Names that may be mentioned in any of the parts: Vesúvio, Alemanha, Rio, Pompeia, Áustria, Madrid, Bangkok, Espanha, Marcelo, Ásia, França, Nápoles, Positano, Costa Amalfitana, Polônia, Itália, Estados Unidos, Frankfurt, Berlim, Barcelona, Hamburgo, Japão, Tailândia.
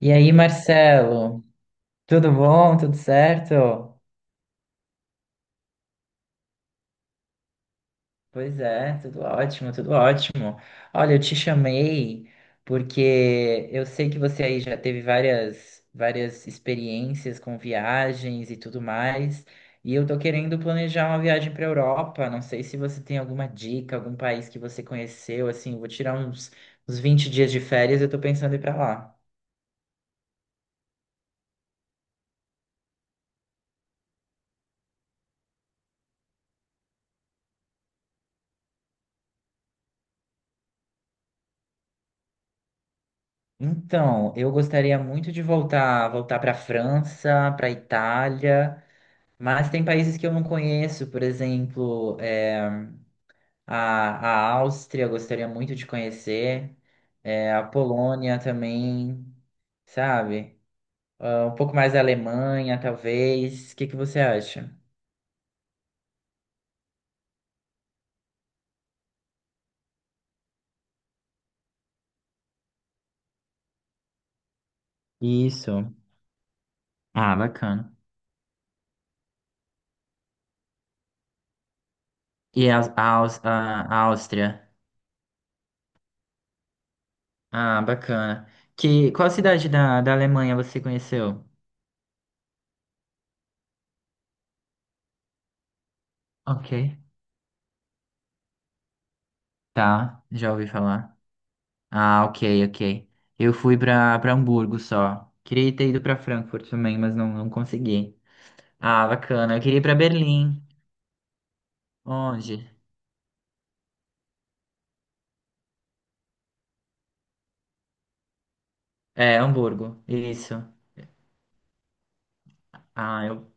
E aí, Marcelo, tudo bom? Tudo certo? Pois é, tudo ótimo, tudo ótimo. Olha, eu te chamei porque eu sei que você aí já teve várias experiências com viagens e tudo mais, e eu tô querendo planejar uma viagem para Europa. Não sei se você tem alguma dica, algum país que você conheceu, assim, eu vou tirar uns 20 dias de férias, e eu tô pensando em ir para lá. Então, eu gostaria muito de voltar para a França, para a Itália, mas tem países que eu não conheço, por exemplo, a, a Áustria, eu gostaria muito de conhecer, a Polônia também, sabe? Ah, um pouco mais a Alemanha, talvez. O que você acha? Isso. Ah, bacana. E a Áustria? Ah, bacana. Qual cidade da Alemanha você conheceu? Ok. Tá, já ouvi falar. Ah, ok, ok. Eu fui pra Hamburgo só. Queria ter ido pra Frankfurt também, mas não consegui. Ah, bacana. Eu queria ir pra Berlim. Onde? É, Hamburgo. Isso. Ah, eu.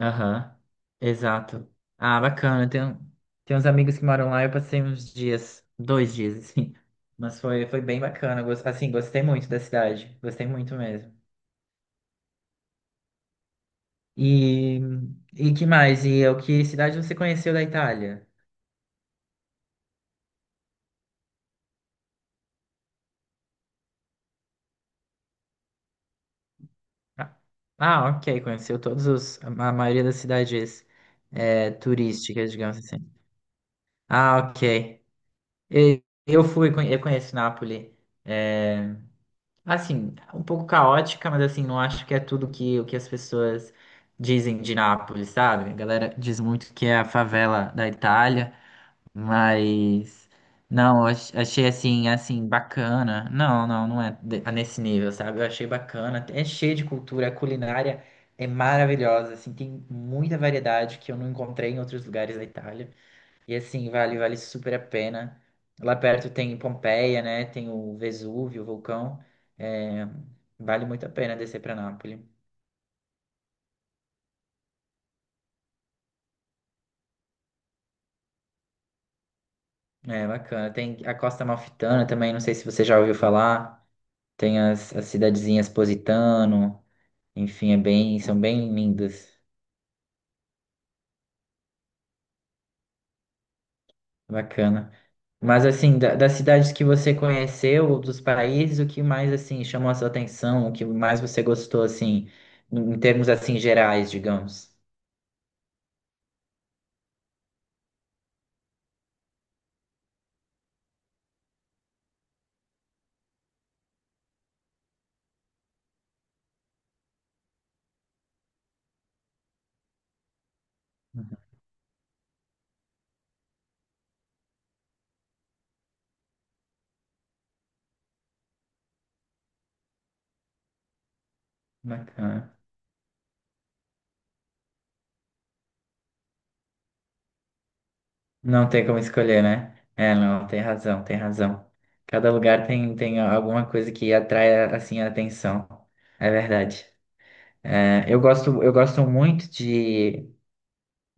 Aham. Exato. Ah, bacana. Tem uns amigos que moram lá. Eu passei uns dias, 2 dias, assim. Mas foi bem bacana. Gostei muito da cidade. Gostei muito mesmo. E, e que mais? E o que cidade você conheceu da Itália? Ah, ah, ok, conheceu a maioria das cidades turísticas, digamos assim. Ah, ok. Eu eu conheço Nápoles. É, assim, um pouco caótica, mas assim, não acho que é o que as pessoas dizem de Nápoles, sabe? A galera diz muito que é a favela da Itália. Mas não, achei assim, bacana. Não é nesse nível, sabe? Eu achei bacana. É cheio de cultura, a culinária é maravilhosa, assim, tem muita variedade que eu não encontrei em outros lugares da Itália. E assim, vale super a pena. Lá perto tem Pompeia, né? Tem o Vesúvio, o vulcão. É, vale muito a pena descer para Nápoles. É bacana. Tem a Costa Amalfitana também, não sei se você já ouviu falar. Tem as cidadezinhas Positano. Enfim, é bem, são bem lindas. Bacana. Mas assim, das cidades que você conheceu, dos países, o que mais assim chamou a sua atenção, o que mais você gostou assim, em termos assim gerais, digamos? Uhum, bacana. Não tem como escolher, né? É, não, tem razão. Cada lugar tem alguma coisa que atrai assim a atenção. É verdade. É, eu gosto muito de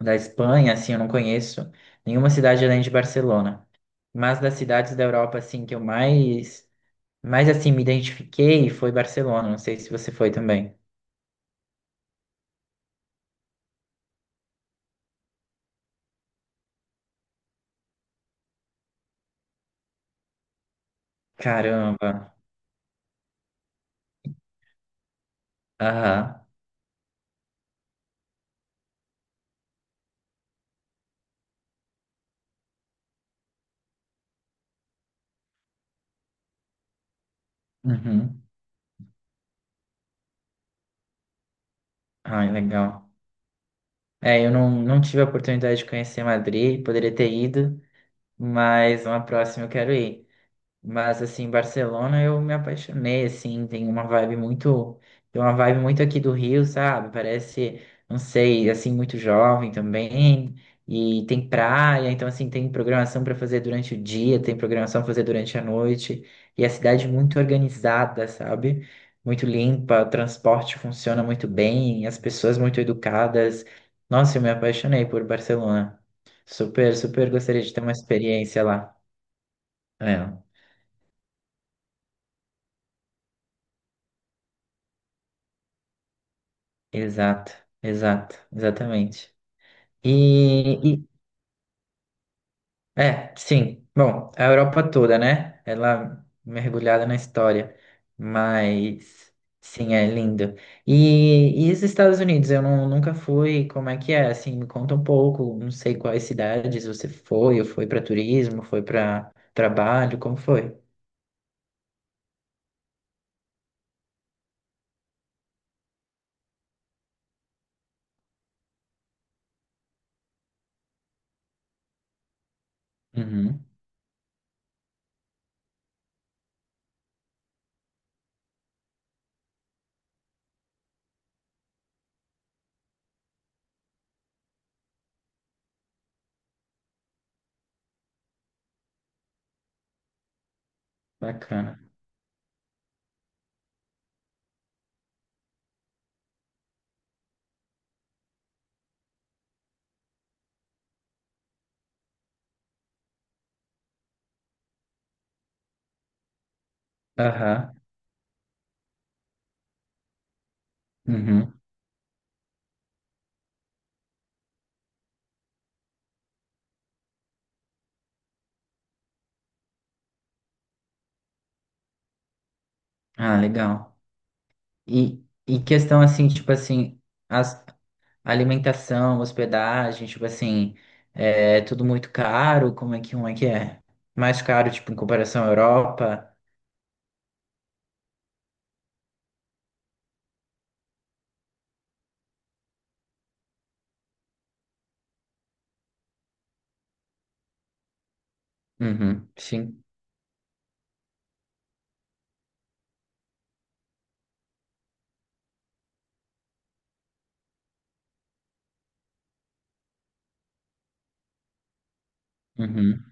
da Espanha, assim, eu não conheço nenhuma cidade além de Barcelona. Mas das cidades da Europa, assim, mais assim, me identifiquei foi Barcelona. Não sei se você foi também. Caramba. Aham. Uhum. Ai, legal. É, eu não, não tive a oportunidade de conhecer Madrid, poderia ter ido, mas uma próxima eu quero ir. Mas assim, Barcelona eu me apaixonei, assim, tem uma vibe muito aqui do Rio, sabe? Parece, não sei, assim, muito jovem também. E tem praia, então assim, tem programação para fazer durante o dia, tem programação para fazer durante a noite. E a cidade muito organizada, sabe? Muito limpa, o transporte funciona muito bem, as pessoas muito educadas. Nossa, eu me apaixonei por Barcelona. Super gostaria de ter uma experiência lá. É. Exato, exato, exatamente. E, e- é, sim. Bom, a Europa toda, né? Ela mergulhada na história, mas sim, é lindo. E os Estados Unidos, eu não- nunca fui. Como é que é? Assim, me conta um pouco. Não sei quais cidades você foi. Ou foi para turismo? Foi para trabalho? Como foi? Uhum, bacana. Aham. Uhum. Ah, legal. E questão assim, tipo assim, as Alimentação, hospedagem, tipo assim, é tudo muito caro. Como é que um é que é? Mais caro, tipo, em comparação à Europa? Uhum, sim. Uhum,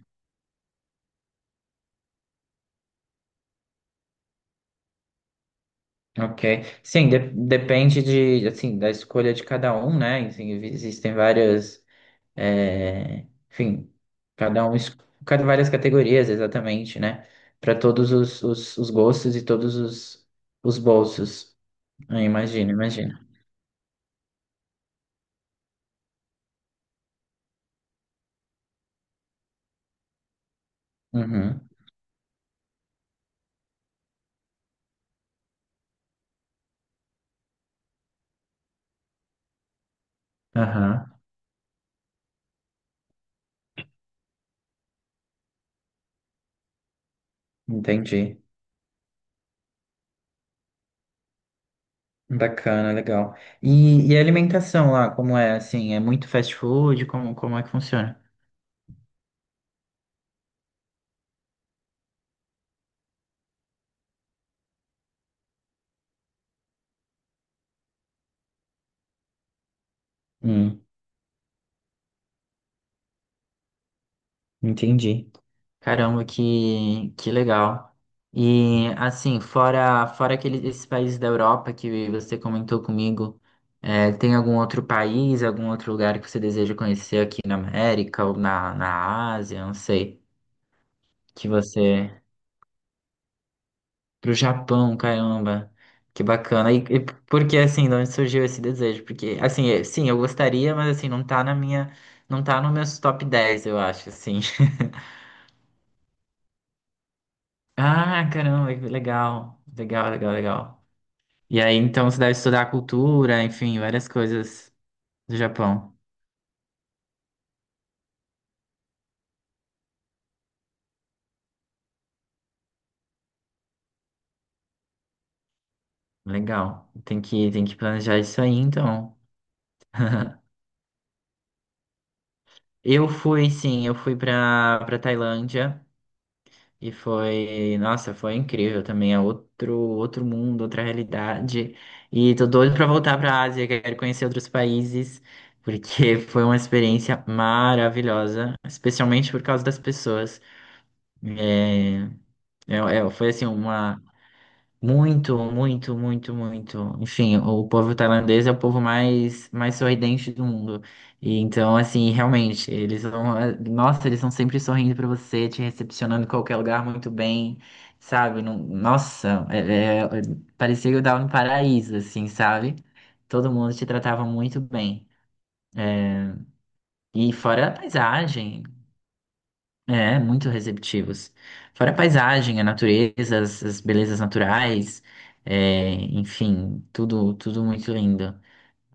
ok. Sim, depende de, assim, da escolha de cada um, né? Assim, existem várias, é, enfim, cada um, es- cada várias categorias, exatamente, né? Para todos os gostos e os bolsos. Eu imagino, imagino. Uhum, aham, entendi. Bacana, legal. E a alimentação lá, como é assim? É muito fast food? Como é que funciona? Hum, entendi. Caramba, que legal. E assim, fora aqueles, esses países da Europa que você comentou comigo, é, tem algum outro país, algum outro lugar que você deseja conhecer aqui na América ou na Ásia, não sei, que você pro Japão, caramba. Que bacana. E por que assim, de onde surgiu esse desejo? Porque assim, sim, eu gostaria, mas assim, não tá no meus top 10, eu acho, assim. Ah, caramba, que legal. Legal, legal. E aí, então, você deve estudar a cultura, enfim, várias coisas do Japão. Legal. Tem que planejar isso aí, então. Eu fui, sim, eu fui pra Tailândia. E nossa, foi incrível também, é outro mundo, outra realidade. E tô doido pra voltar pra Ásia, quero conhecer outros países, porque foi uma experiência maravilhosa, especialmente por causa das pessoas. É, foi assim uma muito, muito, muito, muito. Enfim, o povo tailandês é o povo mais sorridente do mundo. E então, assim, realmente, eles vão nossa, eles estão sempre sorrindo pra você, te recepcionando em qualquer lugar muito bem, sabe? Parecia que eu tava no paraíso, assim, sabe? Todo mundo te tratava muito bem. E fora a paisagem, é, muito receptivos. Fora a paisagem, a natureza, as belezas naturais, é, enfim, tudo muito lindo.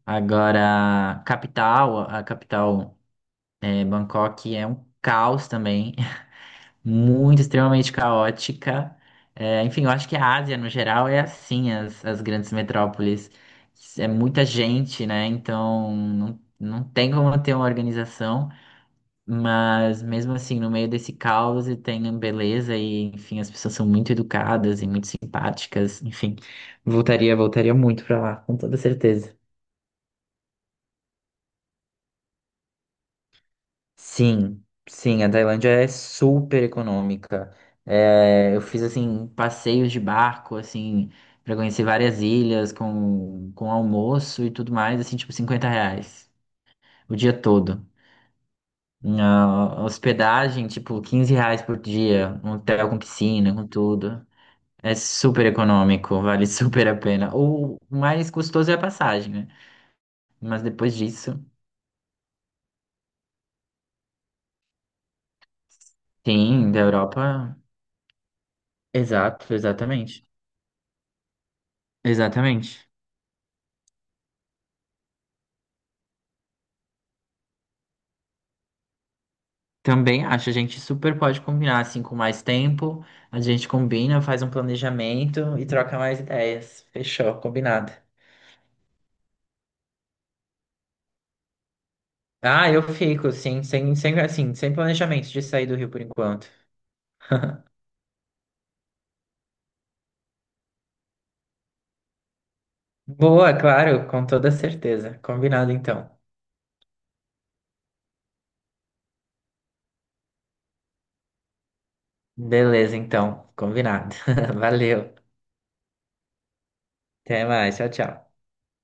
Agora, a capital, é, Bangkok é um caos também, muito extremamente caótica. É, enfim, eu acho que a Ásia, no geral, é assim, as grandes metrópoles. É muita gente, né? Então, não tem como ter uma organização. Mas mesmo assim, no meio desse caos e tem beleza e, enfim, as pessoas são muito educadas e muito simpáticas, enfim. Voltaria muito pra lá, com toda certeza. Sim, sim, a Tailândia é super econômica. É, eu fiz assim passeios de barco, assim, para conhecer várias ilhas com almoço e tudo mais, assim, tipo R$ 50 o dia todo. Na hospedagem, tipo, R$ 15 por dia, um hotel com piscina, com tudo. É super econômico, vale super a pena. O mais custoso é a passagem, né? Mas depois disso, sim, da Europa. Exato, exatamente. Exatamente. Também acho, a gente super pode combinar assim com mais tempo. A gente combina, faz um planejamento e troca mais ideias. Fechou, combinado. Ah, eu fico, sim, sem planejamento de sair do Rio por enquanto. Boa, claro, com toda certeza. Combinado então. Beleza, então. Combinado. Valeu. Até mais, tchau, tchau.